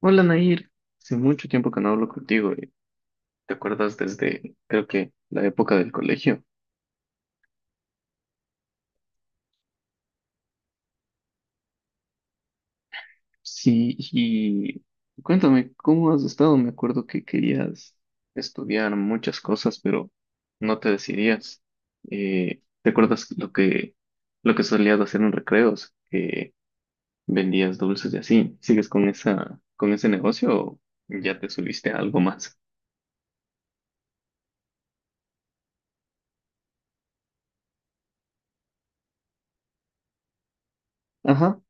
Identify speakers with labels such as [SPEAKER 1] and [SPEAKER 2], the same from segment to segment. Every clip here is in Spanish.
[SPEAKER 1] Hola Nair, hace mucho tiempo que no hablo contigo. ¿Te acuerdas desde, creo que, la época del colegio? Sí, y cuéntame, ¿cómo has estado? Me acuerdo que querías estudiar muchas cosas, pero no te decidías. ¿Te acuerdas lo que solías hacer en recreos? Que vendías dulces y así. ¿Sigues con con ese negocio o ya te subiste a algo más? Ajá.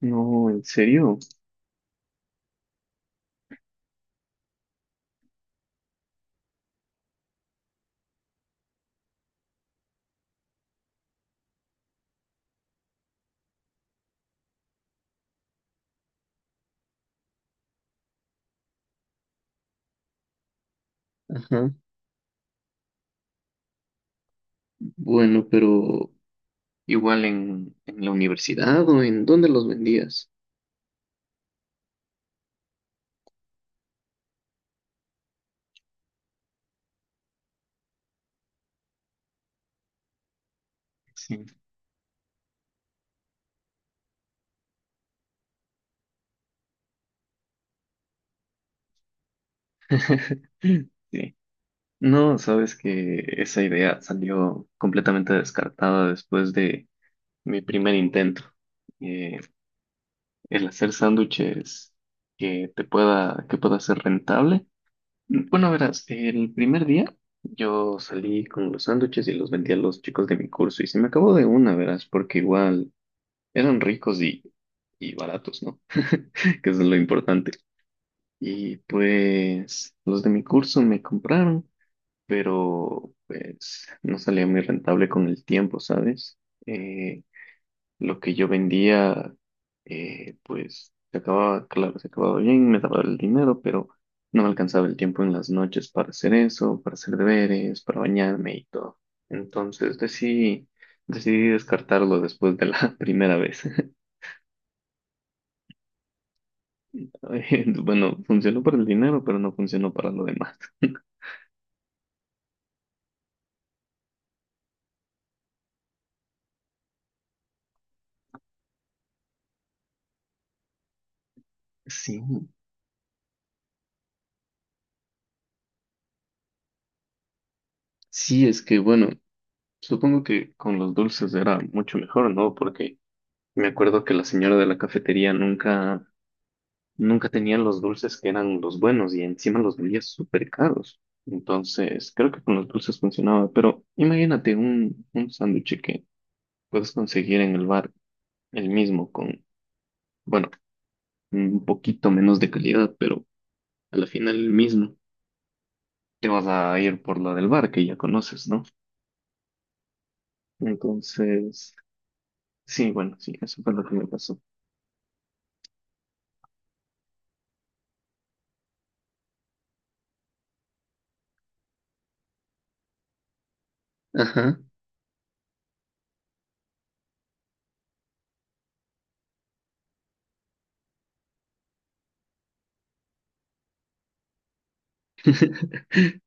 [SPEAKER 1] No, ¿en serio? Ajá. Bueno, pero... Igual en la universidad o en dónde los vendías. Sí. Sí. No, sabes que esa idea salió completamente descartada después de mi primer intento. Eh, el hacer sándwiches que pueda ser rentable. Bueno, verás, el primer día yo salí con los sándwiches y los vendí a los chicos de mi curso y se me acabó de una, verás, porque igual eran ricos y baratos, ¿no? Que eso es lo importante. Y pues los de mi curso me compraron, pero pues no salía muy rentable con el tiempo, ¿sabes? Eh, lo que yo vendía, pues se acababa, claro, se acababa bien, me daba el dinero, pero no me alcanzaba el tiempo en las noches para hacer eso, para hacer deberes, para bañarme y todo. Entonces decidí, decidí descartarlo después de la primera vez. Bueno, funcionó para el dinero, pero no funcionó para lo demás. Sí. Sí, es que bueno, supongo que con los dulces era mucho mejor, ¿no? Porque me acuerdo que la señora de la cafetería nunca tenía los dulces que eran los buenos y encima los vendía súper caros. Entonces, creo que con los dulces funcionaba, pero imagínate un sándwich que puedes conseguir en el bar el mismo con, bueno, un poquito menos de calidad, pero a la final el mismo. Te vas a ir por la del bar que ya conoces, ¿no? Entonces, sí, bueno, sí, eso fue lo que me pasó. Ajá.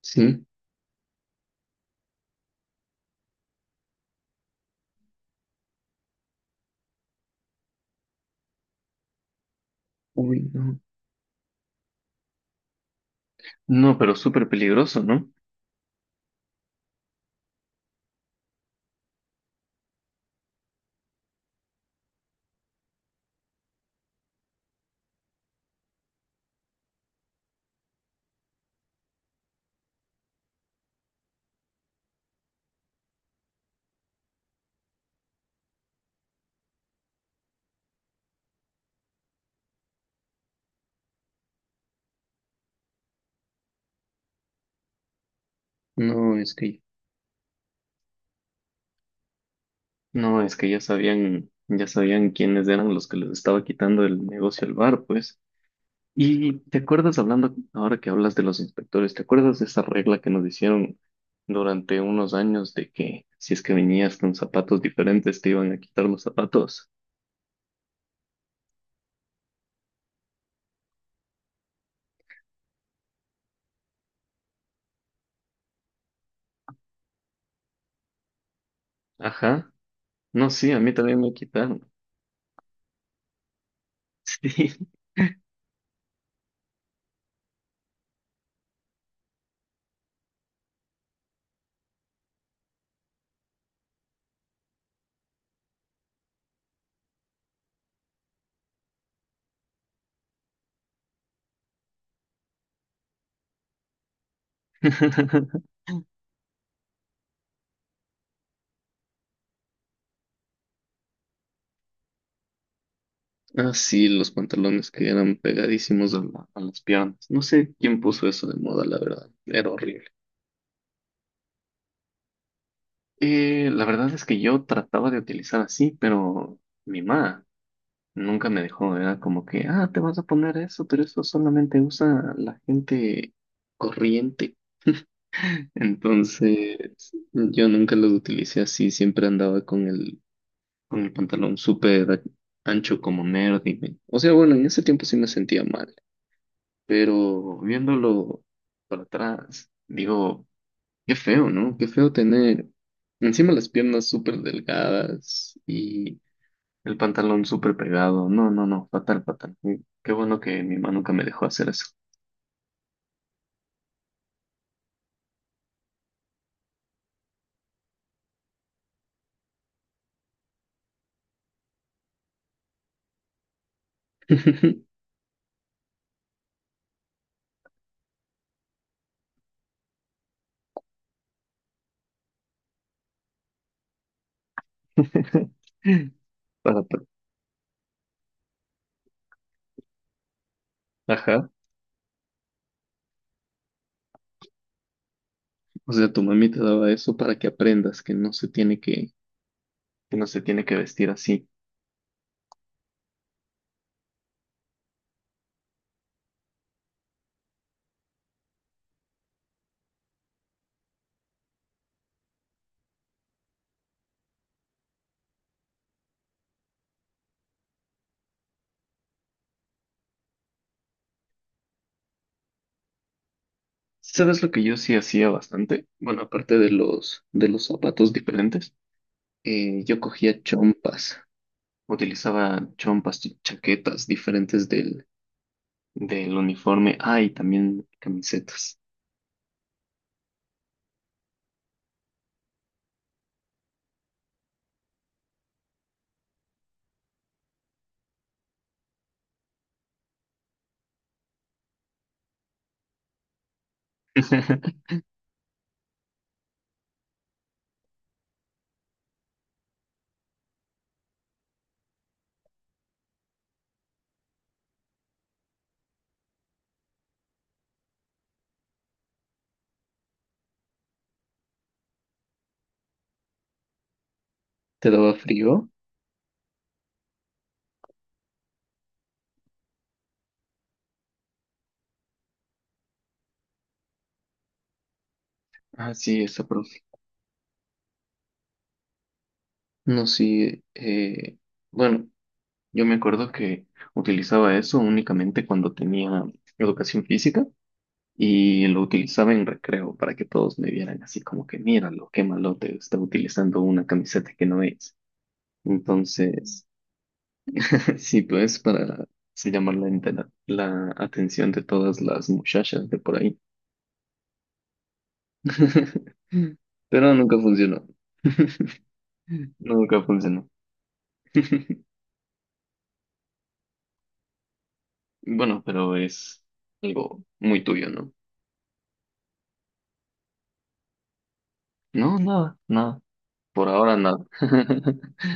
[SPEAKER 1] Sí. Uy, no. No, pero súper peligroso, ¿no? No, es que, no, es que ya sabían quiénes eran los que les estaba quitando el negocio al bar, pues. Y te acuerdas hablando, ahora que hablas de los inspectores, ¿te acuerdas de esa regla que nos hicieron durante unos años de que si es que venías con zapatos diferentes te iban a quitar los zapatos? Ajá. No, sí, a mí también me quitaron. Sí. Ah, sí, los pantalones que eran pegadísimos a las piernas. No sé quién puso eso de moda, la verdad. Era horrible. La verdad es que yo trataba de utilizar así, pero mi mamá nunca me dejó. Era como que, ah, te vas a poner eso, pero eso solamente usa la gente corriente. Entonces, yo nunca los utilicé así. Siempre andaba con con el pantalón súper ancho como nerd. O sea, bueno, en ese tiempo sí me sentía mal, pero viéndolo para atrás, digo, qué feo, ¿no? Qué feo tener encima las piernas súper delgadas y el pantalón súper pegado. No, no, no, fatal, fatal. Y qué bueno que mi mamá nunca me dejó hacer eso. Para, para- ajá, o sea, tu mami te daba eso para que aprendas que no se tiene que vestir así. ¿Sabes lo que yo sí hacía bastante? Bueno, aparte de de los zapatos diferentes, yo cogía chompas. Utilizaba chompas, chaquetas diferentes del uniforme. Ah, y también camisetas. ¿Te daba frío? Ah, sí, esa profe. No, sí. Bueno, yo me acuerdo que utilizaba eso únicamente cuando tenía educación física y lo utilizaba en recreo para que todos me vieran así como que, míralo, qué malote, está utilizando una camiseta que no es. Entonces... Sí, pues para se llamar la atención de todas las muchachas de por ahí. Pero nunca funcionó. Nunca funcionó. Bueno, pero es algo muy tuyo, ¿no? No, nada, nada. Por ahora nada.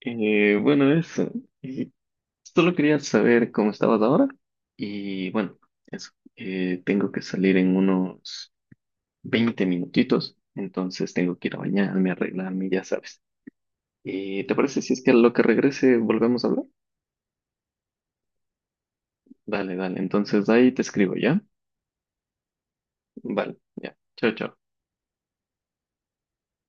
[SPEAKER 1] Bueno, eso. Y solo quería saber cómo estabas ahora. Y bueno, eso. Tengo que salir en unos 20 minutitos. Entonces tengo que ir a bañarme, arreglarme, ya sabes. ¿Y te parece si es que a lo que regrese volvemos a hablar? Dale, dale. Entonces ahí te escribo, ¿ya? Vale, ya. Chao, chao.